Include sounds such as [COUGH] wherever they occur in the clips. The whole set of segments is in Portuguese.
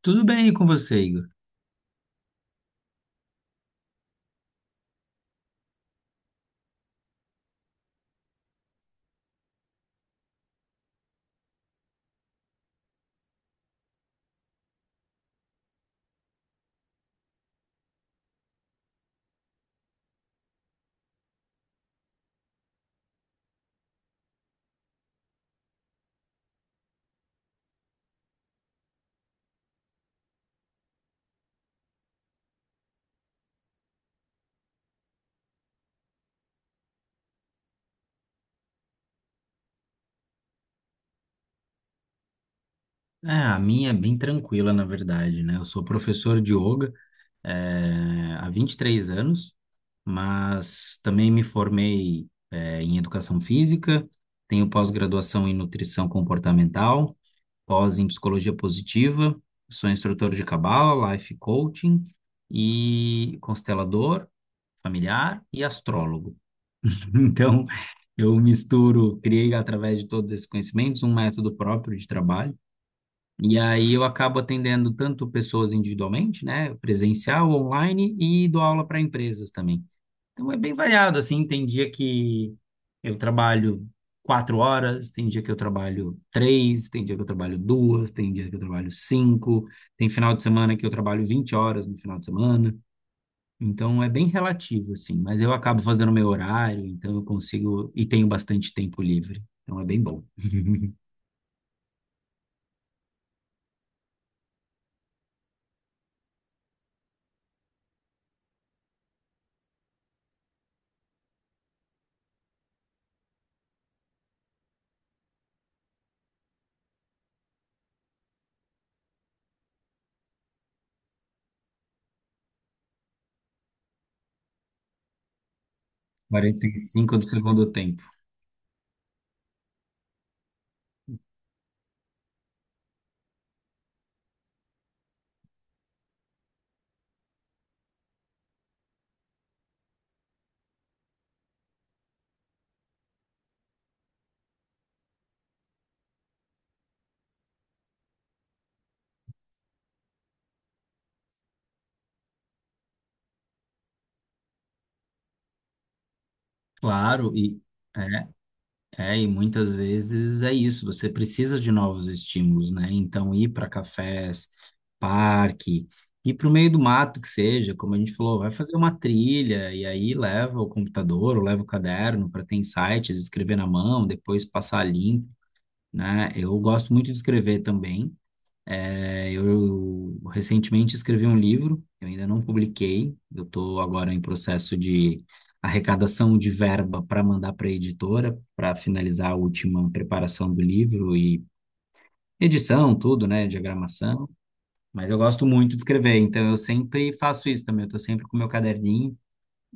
Tudo bem com você, Igor? É, a minha é bem tranquila, na verdade, né? Eu sou professor de yoga, há 23 anos, mas também me formei, em educação física, tenho pós-graduação em nutrição comportamental, pós em psicologia positiva, sou instrutor de cabala, life coaching e constelador familiar e astrólogo. [LAUGHS] Então, eu misturo, criei através de todos esses conhecimentos um método próprio de trabalho. E aí eu acabo atendendo tanto pessoas individualmente, né, presencial, online e dou aula para empresas também. Então é bem variado, assim, tem dia que eu trabalho 4 horas, tem dia que eu trabalho três, tem dia que eu trabalho duas, tem dia que eu trabalho cinco, tem final de semana que eu trabalho 20 horas no final de semana. Então é bem relativo, assim, mas eu acabo fazendo meu horário, então eu consigo e tenho bastante tempo livre. Então é bem bom. Quarenta e cinco do segundo tempo. Claro, e é. É, e muitas vezes é isso, você precisa de novos estímulos, né? Então, ir para cafés, parque, ir para o meio do mato que seja, como a gente falou, vai fazer uma trilha e aí leva o computador ou leva o caderno para ter insights, escrever na mão, depois passar limpo, né? Eu gosto muito de escrever também. Eu recentemente escrevi um livro, eu ainda não publiquei, eu estou agora em processo de arrecadação de verba para mandar para a editora, para finalizar a última preparação do livro e edição, tudo, né, diagramação. Mas eu gosto muito de escrever, então eu sempre faço isso também, eu estou sempre com meu caderninho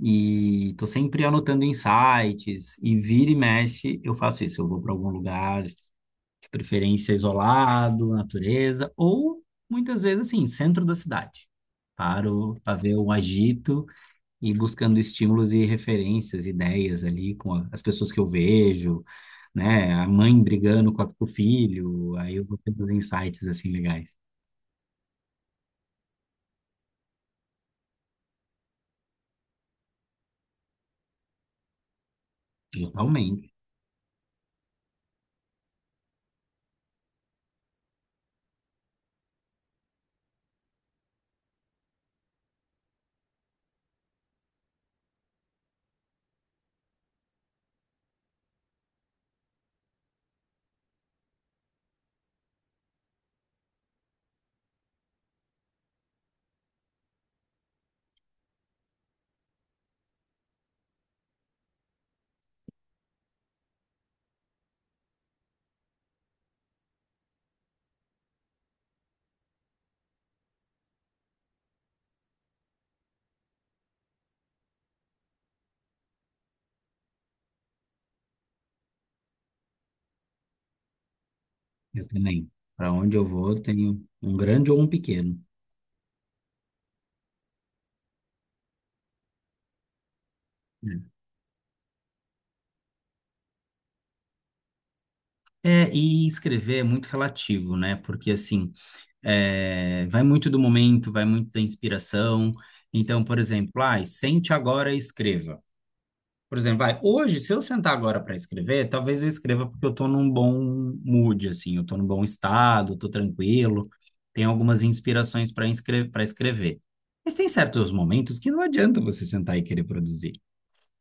e estou sempre anotando insights e vira e mexe eu faço isso, eu vou para algum lugar de preferência isolado, natureza, ou muitas vezes assim, centro da cidade. Paro para ver o agito e buscando estímulos e referências, ideias ali com as pessoas que eu vejo, né? A mãe brigando com o filho, aí eu vou tendo insights assim legais. Totalmente, eu também. Para onde eu vou, eu tenho um grande ou um pequeno. Né? É, e escrever é muito relativo, né? Porque assim, vai muito do momento, vai muito da inspiração. Então, por exemplo, ai, sente agora e escreva. Por exemplo, vai, hoje, se eu sentar agora para escrever, talvez eu escreva porque eu estou num bom mood, assim, eu estou num bom estado, estou tranquilo, tenho algumas inspirações para escrever. Mas tem certos momentos que não adianta você sentar e querer produzir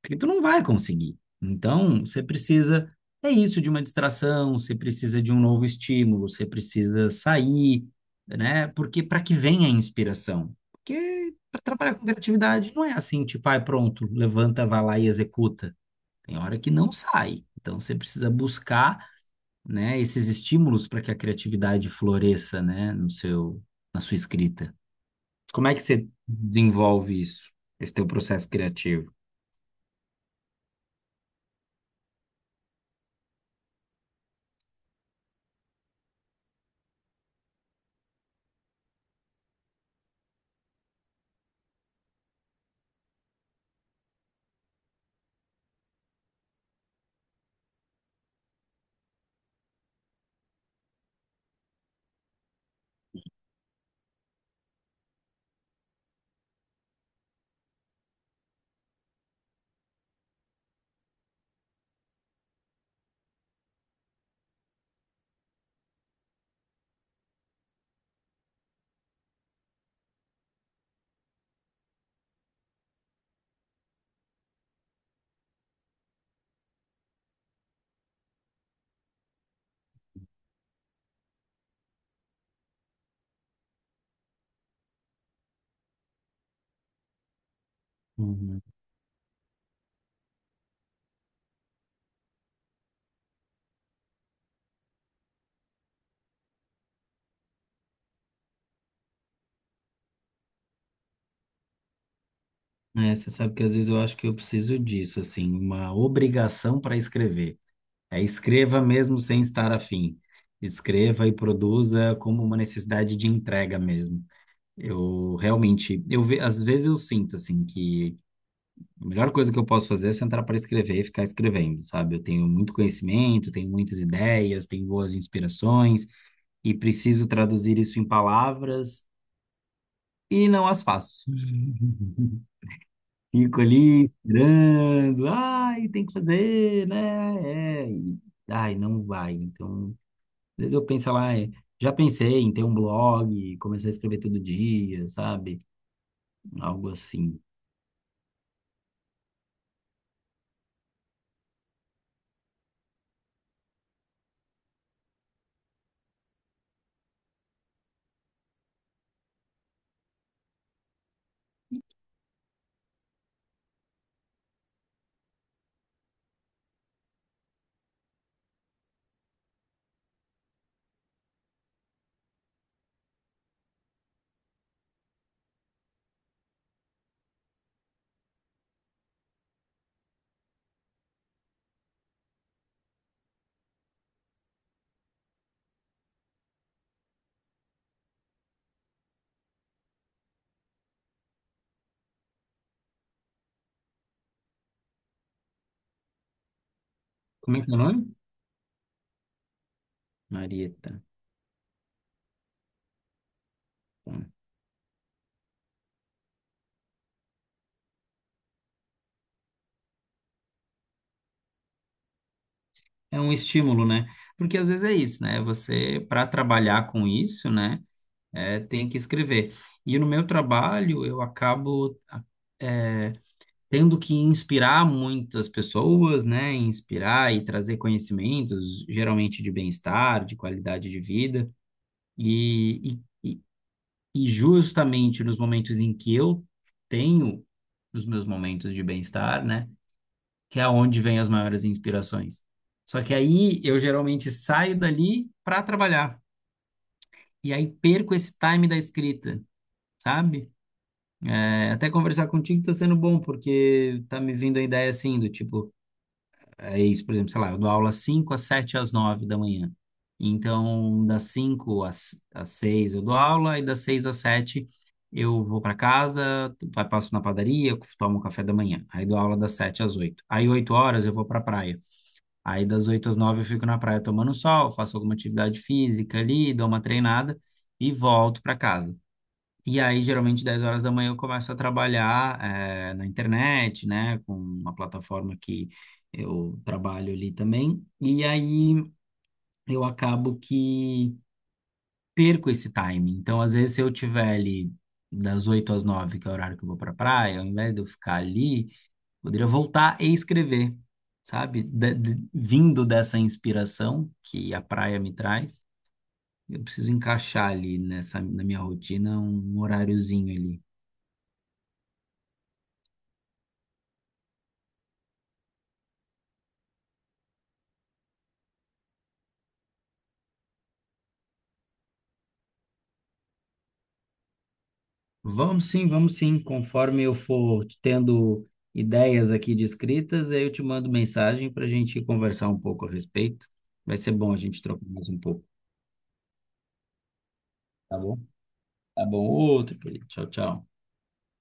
porque tu não vai conseguir. Então, você precisa, é isso, de uma distração, você precisa de um novo estímulo, você precisa sair, né? Porque para que vem a inspiração? Porque para trabalhar com criatividade não é assim, tipo, ai, pronto, levanta, vai lá e executa. Tem hora que não sai. Então, você precisa buscar, né, esses estímulos para que a criatividade floresça, né, no seu, na sua escrita. Como é que você desenvolve isso, esse teu processo criativo? É, você sabe que às vezes eu acho que eu preciso disso, assim, uma obrigação para escrever. É, escreva mesmo sem estar afim. Escreva e produza como uma necessidade de entrega mesmo. Eu realmente, às vezes eu sinto assim que a melhor coisa que eu posso fazer é sentar para escrever e ficar escrevendo, sabe? Eu tenho muito conhecimento, tenho muitas ideias, tenho boas inspirações e preciso traduzir isso em palavras e não as faço. [LAUGHS] Fico ali esperando, ai, tem que fazer, né? Ai, não vai. Então, às vezes eu penso lá, já pensei em ter um blog, começar a escrever todo dia, sabe? Algo assim. Como é que é o nome? Marieta. Tá. É um estímulo, né? Porque às vezes é isso, né? Você, para trabalhar com isso, né? É, tem que escrever. E no meu trabalho, eu acabo tendo que inspirar muitas pessoas, né? Inspirar e trazer conhecimentos, geralmente de bem-estar, de qualidade de vida. E, e, e e justamente nos momentos em que eu tenho os meus momentos de bem-estar, né? Que é onde vem as maiores inspirações. Só que aí eu geralmente saio dali para trabalhar. E aí perco esse time da escrita, sabe? É, até conversar contigo tá sendo bom, porque tá me vindo a ideia assim, do tipo, é isso, por exemplo, sei lá, eu dou aula 5 às 7 às 9 da manhã. Então, das cinco às 6 eu dou aula e das 6 às 7 eu vou para casa, passo na padaria, tomo um café da manhã. Aí dou aula das 7 às oito. Aí 8 horas eu vou para praia. Aí das 8 às 9 eu fico na praia tomando sol, faço alguma atividade física ali, dou uma treinada e volto para casa. E aí, geralmente, 10 horas da manhã eu começo a trabalhar na internet, né, com uma plataforma que eu trabalho ali também. E aí eu acabo que perco esse time. Então, às vezes, se eu tiver ali das 8 às 9 que é o horário que eu vou para praia, ao invés de eu ficar ali, poderia voltar e escrever, sabe? Vindo dessa inspiração que a praia me traz, eu preciso encaixar ali nessa, na minha rotina um horáriozinho ali. Vamos sim, vamos sim. Conforme eu for tendo ideias aqui de escritas, aí eu te mando mensagem para a gente conversar um pouco a respeito. Vai ser bom a gente trocar mais um pouco, tá bom? Tá bom. Outro, querido. Tchau, tchau.